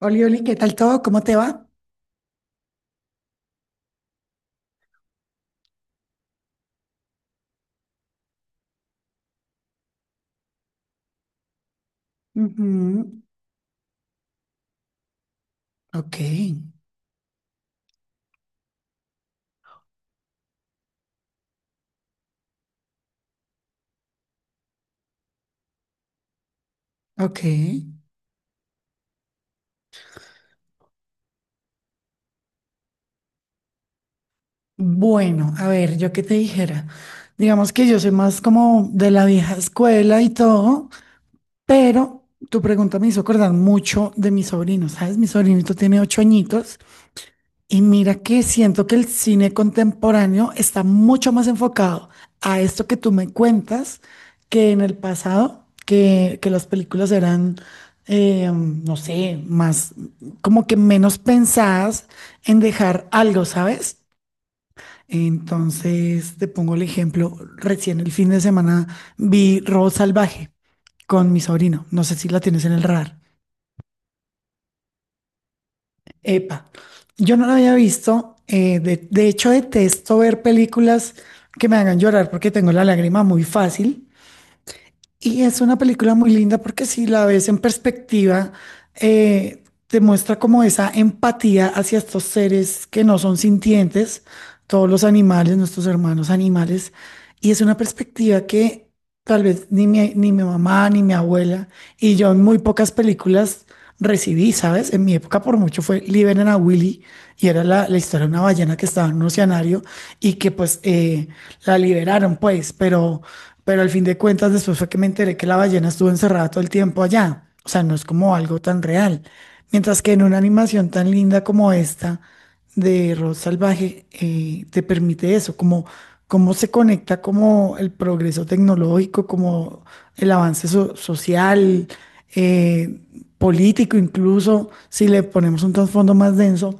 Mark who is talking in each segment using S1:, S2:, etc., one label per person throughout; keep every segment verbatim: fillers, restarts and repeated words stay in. S1: Oli, Oli, ¿qué tal todo? ¿Cómo te va? Ujú. Ok, ok. Bueno, a ver, yo qué te dijera. Digamos que yo soy más como de la vieja escuela y todo, pero tu pregunta me hizo acordar mucho de mi sobrino, ¿sabes? Mi sobrinito tiene ocho añitos. Y mira que siento que el cine contemporáneo está mucho más enfocado a esto que tú me cuentas que en el pasado, que, que las películas eran, eh, no sé, más como que menos pensadas en dejar algo, ¿sabes? Entonces, te pongo el ejemplo, recién el fin de semana vi Road Salvaje con mi sobrino, no sé si la tienes en el radar. Epa, yo no la había visto. eh, de, de hecho, detesto ver películas que me hagan llorar porque tengo la lágrima muy fácil. Y es una película muy linda porque si la ves en perspectiva, eh, te muestra como esa empatía hacia estos seres que no son sintientes, todos los animales, nuestros hermanos animales. Y es una perspectiva que tal vez ni mi, ni mi mamá ni mi abuela y yo en muy pocas películas recibí, ¿sabes? En mi época por mucho fue Liberen a Willy y era la, la historia de una ballena que estaba en un oceanario y que pues eh, la liberaron pues, pero, pero al fin de cuentas después fue que me enteré que la ballena estuvo encerrada todo el tiempo allá. O sea, no es como algo tan real. Mientras que en una animación tan linda como esta, de Rod Salvaje eh, te permite eso, como cómo se conecta como el progreso tecnológico, como el avance so- social, eh, político, incluso si le ponemos un trasfondo más denso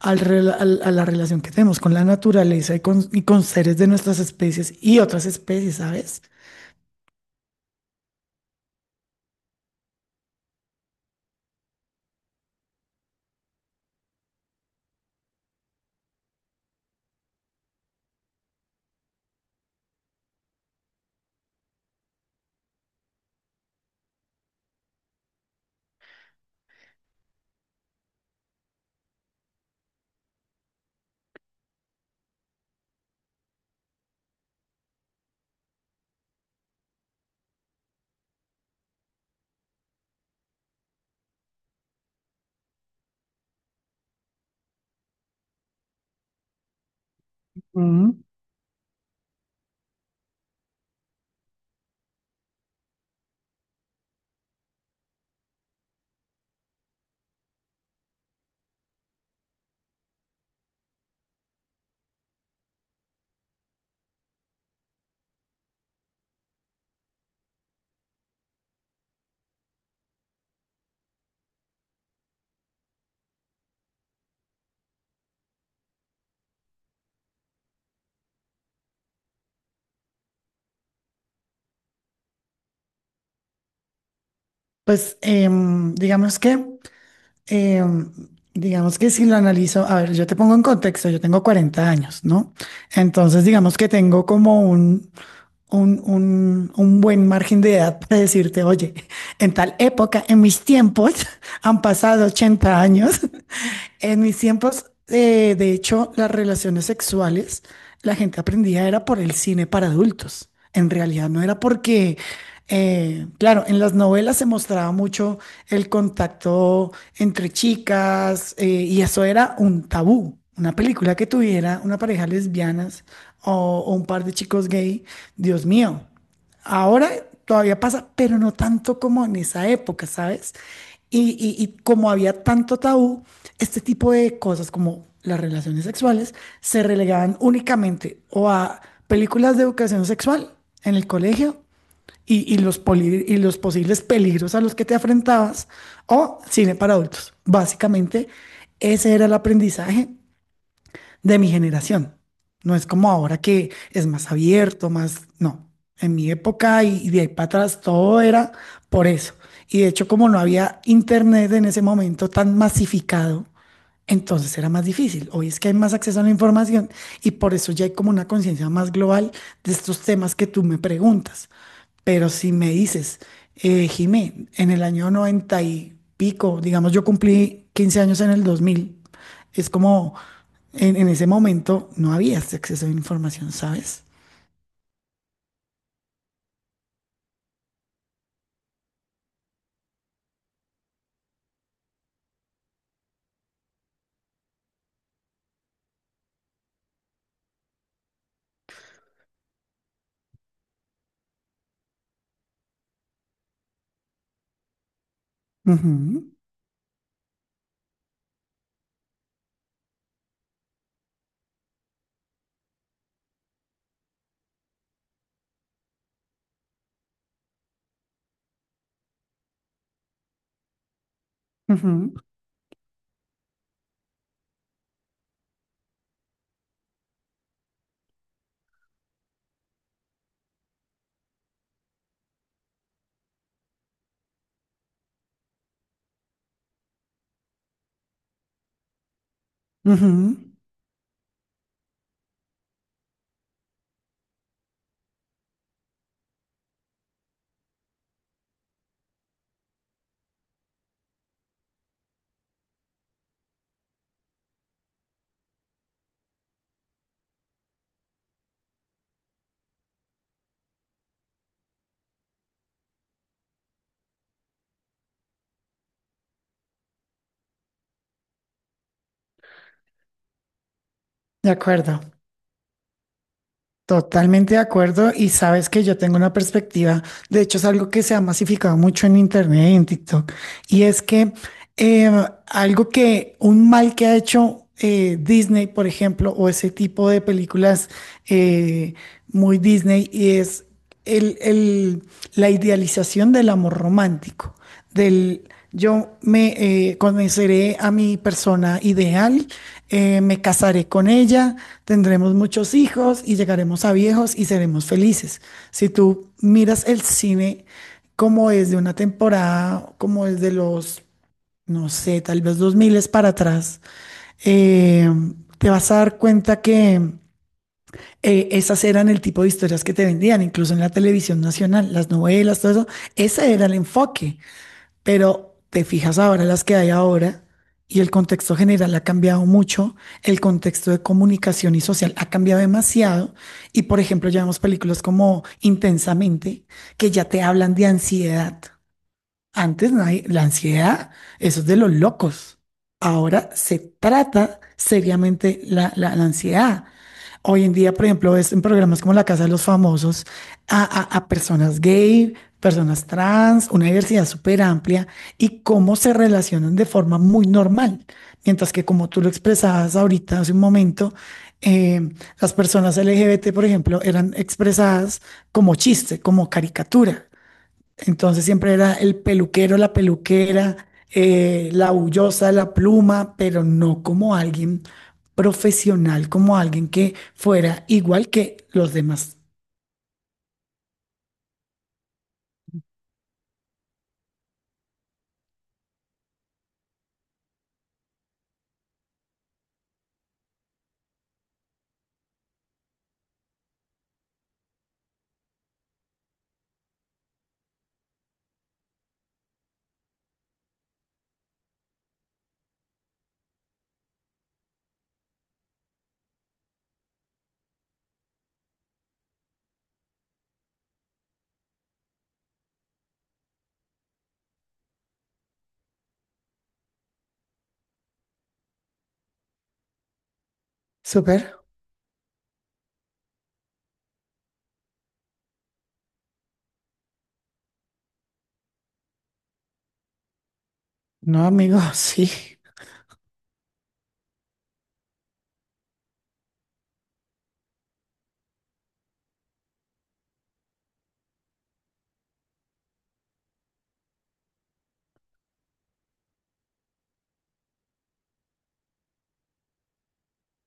S1: al rela- al- a la relación que tenemos con la naturaleza y con, y con seres de nuestras especies y otras especies, ¿sabes? Mm. Pues em, digamos que Eh, digamos que si lo analizo, a ver, yo te pongo en contexto, yo tengo cuarenta años, ¿no? Entonces, digamos que tengo como un, un, un, un buen margen de edad para decirte, oye, en tal época, en mis tiempos, han pasado ochenta años, en mis tiempos, eh, de hecho, las relaciones sexuales, la gente aprendía era por el cine para adultos. En realidad no era porque, eh, claro, en las novelas se mostraba mucho el contacto entre chicas eh, y eso era un tabú. Una película que tuviera una pareja lesbianas o, o un par de chicos gay, Dios mío. Ahora todavía pasa, pero no tanto como en esa época, ¿sabes? Y, y, y como había tanto tabú, este tipo de cosas como las relaciones sexuales se relegaban únicamente o a películas de educación sexual en el colegio y, y los, poli- y los posibles peligros a los que te enfrentabas o cine para adultos. Básicamente, ese era el aprendizaje de mi generación. No es como ahora que es más abierto, más... No, en mi época y, y de ahí para atrás todo era por eso. Y de hecho, como no había internet en ese momento tan masificado, entonces era más difícil. Hoy es que hay más acceso a la información y por eso ya hay como una conciencia más global de estos temas que tú me preguntas. Pero si me dices, eh, Jimé, en el año noventa y pico, digamos, yo cumplí quince años en el dos mil. Es como en, en ese momento no había este acceso a la información, ¿sabes? Ujú, ujú, ujú. De acuerdo. Totalmente de acuerdo y sabes que yo tengo una perspectiva, de hecho es algo que se ha masificado mucho en internet y en TikTok, y es que eh, algo que, un mal que ha hecho eh, Disney, por ejemplo, o ese tipo de películas eh, muy Disney, y es el, el- la idealización del amor romántico, del yo me eh, conoceré a mi persona ideal, eh, me casaré con ella, tendremos muchos hijos y llegaremos a viejos y seremos felices. Si tú miras el cine como es de una temporada, como es de los, no sé, tal vez dos miles para atrás, eh, te vas a dar cuenta que eh, esas eran el tipo de historias que te vendían, incluso en la televisión nacional, las novelas, todo eso, ese era el enfoque. Pero te fijas ahora las que hay ahora y el contexto general ha cambiado mucho, el contexto de comunicación y social ha cambiado demasiado y por ejemplo ya vemos películas como Intensamente que ya te hablan de ansiedad. Antes nadie- la ansiedad, eso es de los locos. Ahora se trata seriamente la, la- la ansiedad. Hoy en día, por ejemplo, ves en programas como La Casa de los Famosos a, a- a personas gay, personas trans, una diversidad súper amplia y cómo se relacionan de forma muy normal. Mientras que como tú lo expresabas ahorita hace un momento, eh, las personas L G B T, por ejemplo, eran expresadas como chiste, como caricatura. Entonces siempre era el peluquero, la peluquera, eh, la bullosa, la pluma, pero no como alguien profesional, como alguien que fuera igual que los demás. Súper, ¿no, amigo? Sí.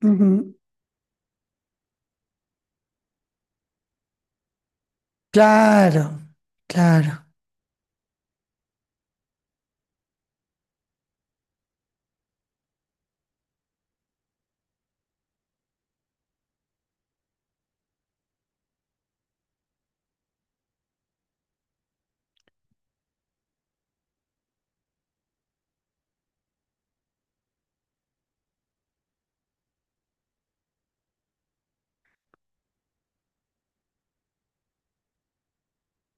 S1: Ujú. Claro, claro.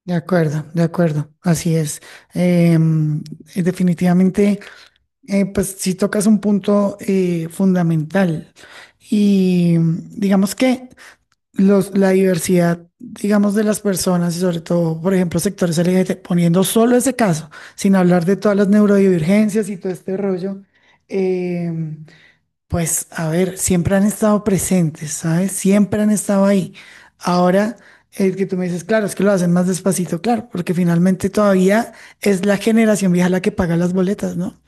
S1: De acuerdo, de acuerdo. Así es. Em, eh, definitivamente, eh, pues sí tocas un punto eh, fundamental. Y mm, digamos que... los, la diversidad, digamos, de las personas y sobre todo, por ejemplo, sectores L G B T, poniendo solo ese caso, sin hablar de todas las neurodivergencias y todo este rollo, eh, pues a ver, siempre han estado presentes, ¿sabes? Siempre han estado ahí. Ahora, el que tú me dices, claro, es que lo hacen más despacito, claro, porque finalmente todavía es la generación vieja la que paga las boletas, ¿no?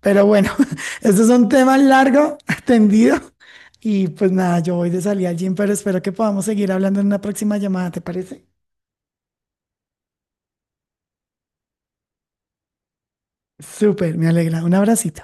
S1: Pero bueno, este es un tema largo, tendido y pues nada, yo voy de salida al gym, pero espero que podamos seguir hablando en una próxima llamada, ¿te parece? Súper, me alegra. Un abracito.